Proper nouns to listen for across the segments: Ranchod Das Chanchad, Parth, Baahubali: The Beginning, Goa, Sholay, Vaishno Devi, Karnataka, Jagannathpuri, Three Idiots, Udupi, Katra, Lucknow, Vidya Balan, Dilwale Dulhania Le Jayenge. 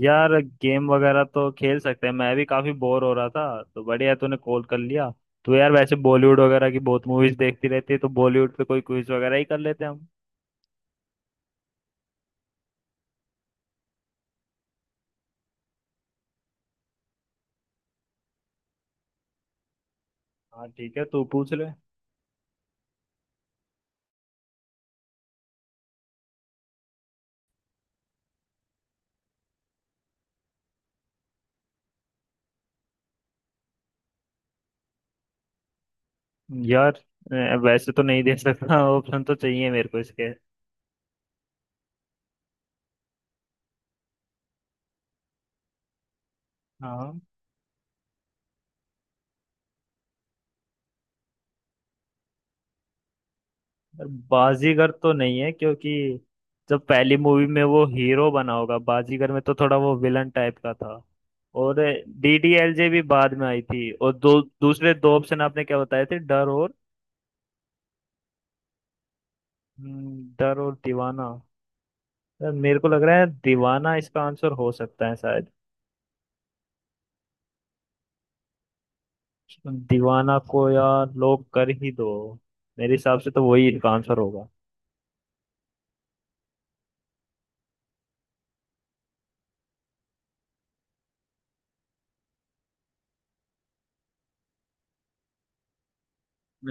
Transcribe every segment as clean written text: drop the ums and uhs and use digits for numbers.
यार गेम वगैरह तो खेल सकते हैं। मैं भी काफी बोर हो रहा था तो बढ़िया तूने कॉल कर लिया। तो यार वैसे बॉलीवुड वगैरह की बहुत मूवीज देखती रहती है तो बॉलीवुड पे कोई क्विज वगैरह ही कर लेते हैं हम। हाँ ठीक है, तू पूछ ले। यार वैसे तो नहीं दे सकता ऑप्शन तो चाहिए मेरे को इसके। हाँ। यार, बाजीगर तो नहीं है क्योंकि जब पहली मूवी में वो हीरो बना होगा बाजीगर में तो थोड़ा वो विलन टाइप का था। और डीडीएलजे भी बाद में आई थी। और दो दूसरे दो ऑप्शन आपने क्या बताए थे? डर और। डर और दीवाना। यार मेरे को लग रहा है दीवाना इसका आंसर हो सकता है शायद। दीवाना को यार लोग कर ही दो। मेरे हिसाब से तो वही इसका आंसर होगा।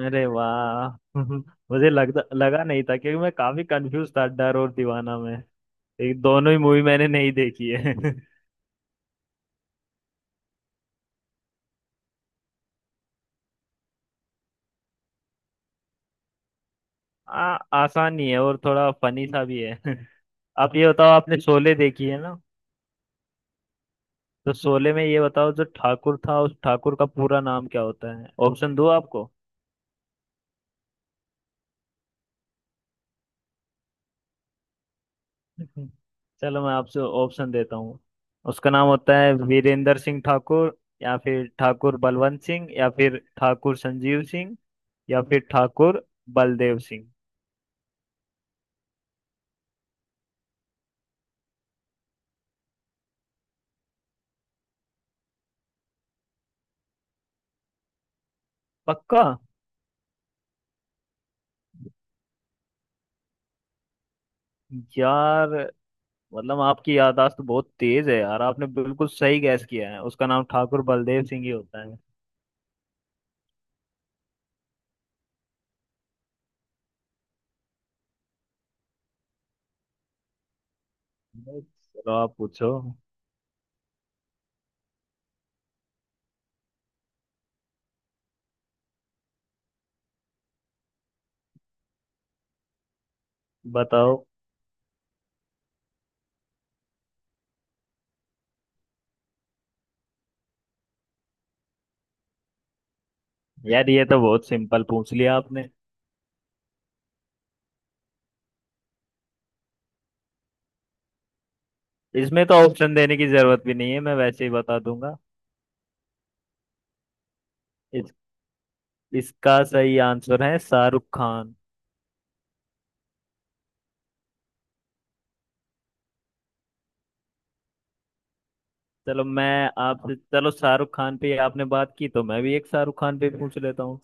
अरे वाह। मुझे लगता लगा नहीं था क्योंकि मैं काफी कंफ्यूज था डर और दीवाना में। एक दोनों ही मूवी मैंने नहीं देखी है आ, आसान ही है और थोड़ा फनी सा भी है आप ये बताओ आपने शोले देखी है ना। तो शोले में ये बताओ जो ठाकुर था उस ठाकुर का पूरा नाम क्या होता है? ऑप्शन दो आपको। हम्म। चलो मैं आपसे ऑप्शन देता हूँ। उसका नाम होता है वीरेंद्र सिंह ठाकुर या फिर ठाकुर बलवंत सिंह या फिर ठाकुर संजीव सिंह या फिर ठाकुर बलदेव सिंह। पक्का? यार मतलब आपकी याददाश्त तो बहुत तेज है यार। आपने बिल्कुल सही गैस किया है। उसका नाम ठाकुर बलदेव सिंह ही होता है। चलो आप पूछो। बताओ। यार ये तो बहुत सिंपल पूछ लिया आपने। इसमें तो ऑप्शन देने की जरूरत भी नहीं है, मैं वैसे ही बता दूंगा। इसका सही आंसर है शाहरुख खान। चलो मैं आपसे, चलो शाहरुख खान पे आपने बात की तो मैं भी एक शाहरुख खान पे पूछ लेता हूँ।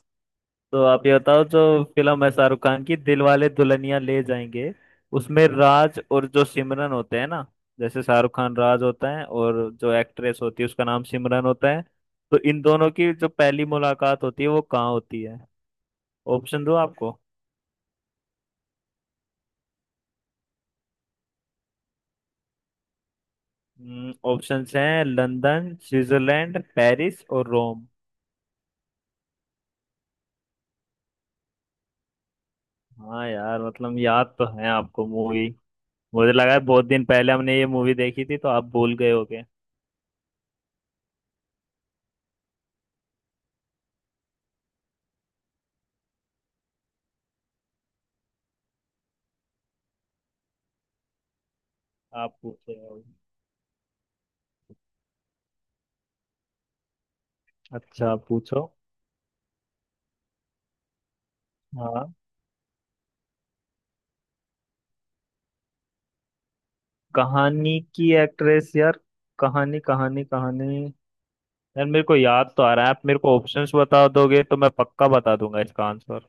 तो आप ये बताओ जो फिल्म है शाहरुख खान की, दिलवाले दुल्हनिया ले जाएंगे, उसमें राज और जो सिमरन होते हैं ना। जैसे शाहरुख खान राज होता है और जो एक्ट्रेस होती है उसका नाम सिमरन होता है। तो इन दोनों की जो पहली मुलाकात होती है वो कहाँ होती है? ऑप्शन दो आपको। ऑप्शंस हैं लंदन, स्विट्जरलैंड, पेरिस और रोम। हाँ यार, मतलब याद तो है आपको मूवी। मुझे लगा है बहुत दिन पहले हमने ये मूवी देखी थी तो आप भूल गए होगे। आप पूछे हो। अच्छा आप पूछो। हाँ। कहानी की एक्ट्रेस यार, कहानी कहानी कहानी। यार मेरे को याद तो आ रहा है, आप मेरे को ऑप्शंस बता दोगे तो मैं पक्का बता दूंगा इसका आंसर।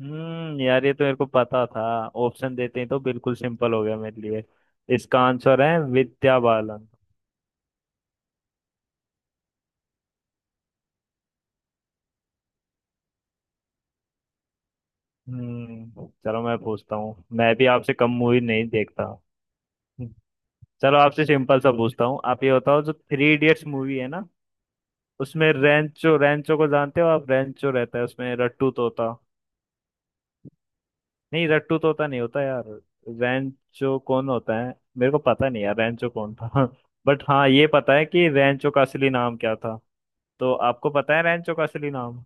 यार ये तो मेरे को पता था। ऑप्शन देते ही तो बिल्कुल सिंपल हो गया मेरे लिए। इसका आंसर है विद्या बालन। चलो मैं पूछता हूँ, मैं भी आपसे कम मूवी नहीं देखता। चलो आपसे सिंपल सा पूछता हूँ, आप ये बताओ जो थ्री इडियट्स मूवी है ना, उसमें रेंचो, रेंचो को जानते हो आप, रेंचो रहता है उसमें रट्टू तोता। नहीं रट्टू तोता नहीं होता यार। रेंचो कौन होता है मेरे को पता नहीं यार, रेंचो कौन था बट हाँ ये पता है कि रेंचो का असली नाम क्या था। तो आपको पता है रेंचो का असली नाम?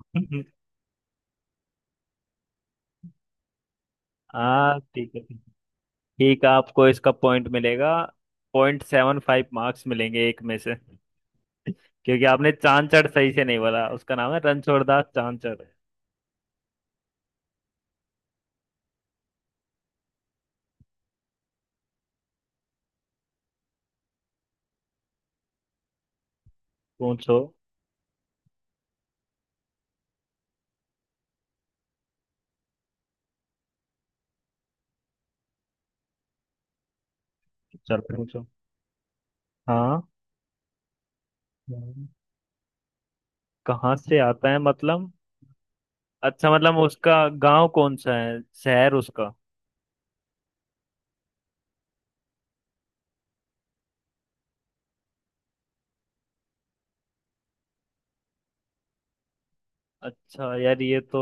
हाँ ठीक है ठीक है। ठीक है, आपको इसका पॉइंट मिलेगा। पॉइंट सेवन फाइव मार्क्स मिलेंगे एक में से। क्योंकि आपने चांचड़ सही से नहीं बोला। उसका नाम है रणछोड़दास चांचड़। पूछो। चल पूछो। हाँ। कहाँ से आता है मतलब? अच्छा मतलब उसका गांव कौन सा है, शहर उसका? अच्छा यार ये तो,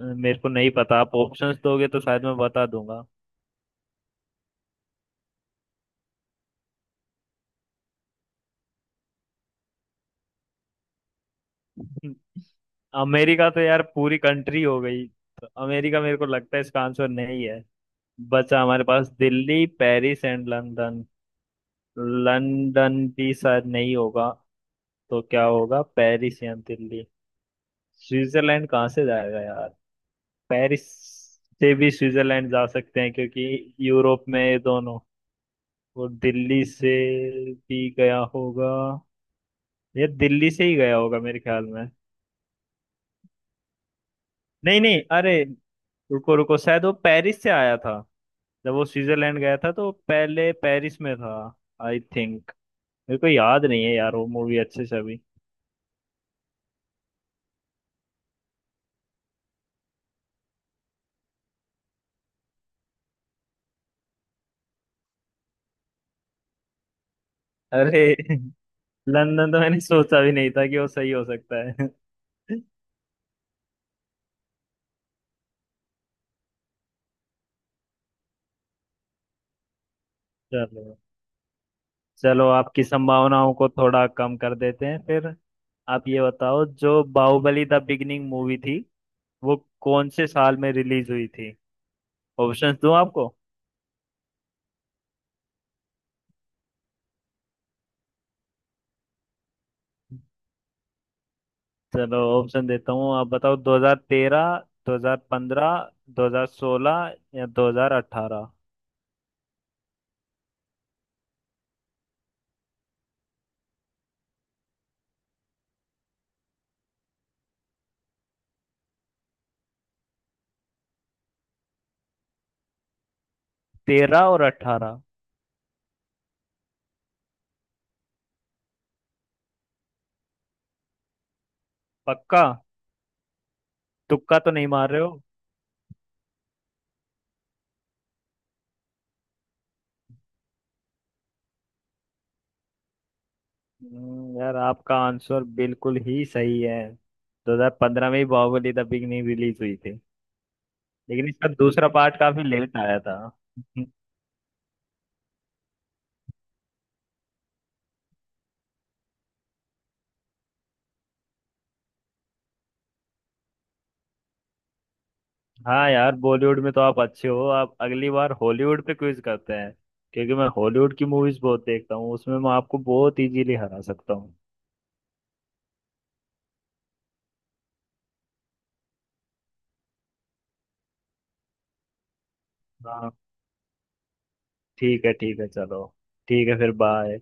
मेरे को नहीं पता। आप ऑप्शंस दोगे तो शायद मैं बता दूंगा। अमेरिका तो यार पूरी कंट्री हो गई, तो अमेरिका मेरे को लगता है इसका आंसर नहीं है। बचा हमारे पास Delhi, Paris and London. London भी शायद नहीं होगा। तो क्या होगा, पेरिस या दिल्ली? स्विट्जरलैंड कहाँ से जाएगा यार? पेरिस से भी स्विट्जरलैंड जा सकते हैं क्योंकि यूरोप में ये दोनों। वो दिल्ली से भी गया होगा। ये दिल्ली से ही गया होगा मेरे ख्याल में। नहीं नहीं, अरे रुको रुको, शायद वो पेरिस से आया था। जब वो स्विट्जरलैंड गया था तो वो पहले पेरिस में था, आई थिंक। मेरे को याद नहीं है यार वो मूवी अच्छे से अभी। अरे लंदन तो मैंने सोचा भी नहीं था कि वो सही हो सकता है। चलो। चलो आपकी संभावनाओं को थोड़ा कम कर देते हैं फिर। आप ये बताओ जो बाहुबली द बिगिनिंग मूवी थी वो कौन से साल में रिलीज हुई थी? ऑप्शंस दूं आपको? चलो ऑप्शन देता हूँ, आप बताओ 2013, 2015, 2016 या 2018। तेरह और अठारह। पक्का? तुक्का तो नहीं मार रहे हो? यार आपका आंसर बिल्कुल ही सही है। 2015 में ही बाहुबली द बिगनिंग रिलीज हुई थी। लेकिन इसका दूसरा पार्ट काफी लेट आया था। हाँ यार बॉलीवुड में तो आप अच्छे हो, आप अगली बार हॉलीवुड पे क्विज करते हैं, क्योंकि मैं हॉलीवुड की मूवीज बहुत देखता हूँ, उसमें मैं आपको बहुत इजीली हरा सकता हूँ। हाँ ठीक है ठीक है। चलो ठीक है फिर, बाय।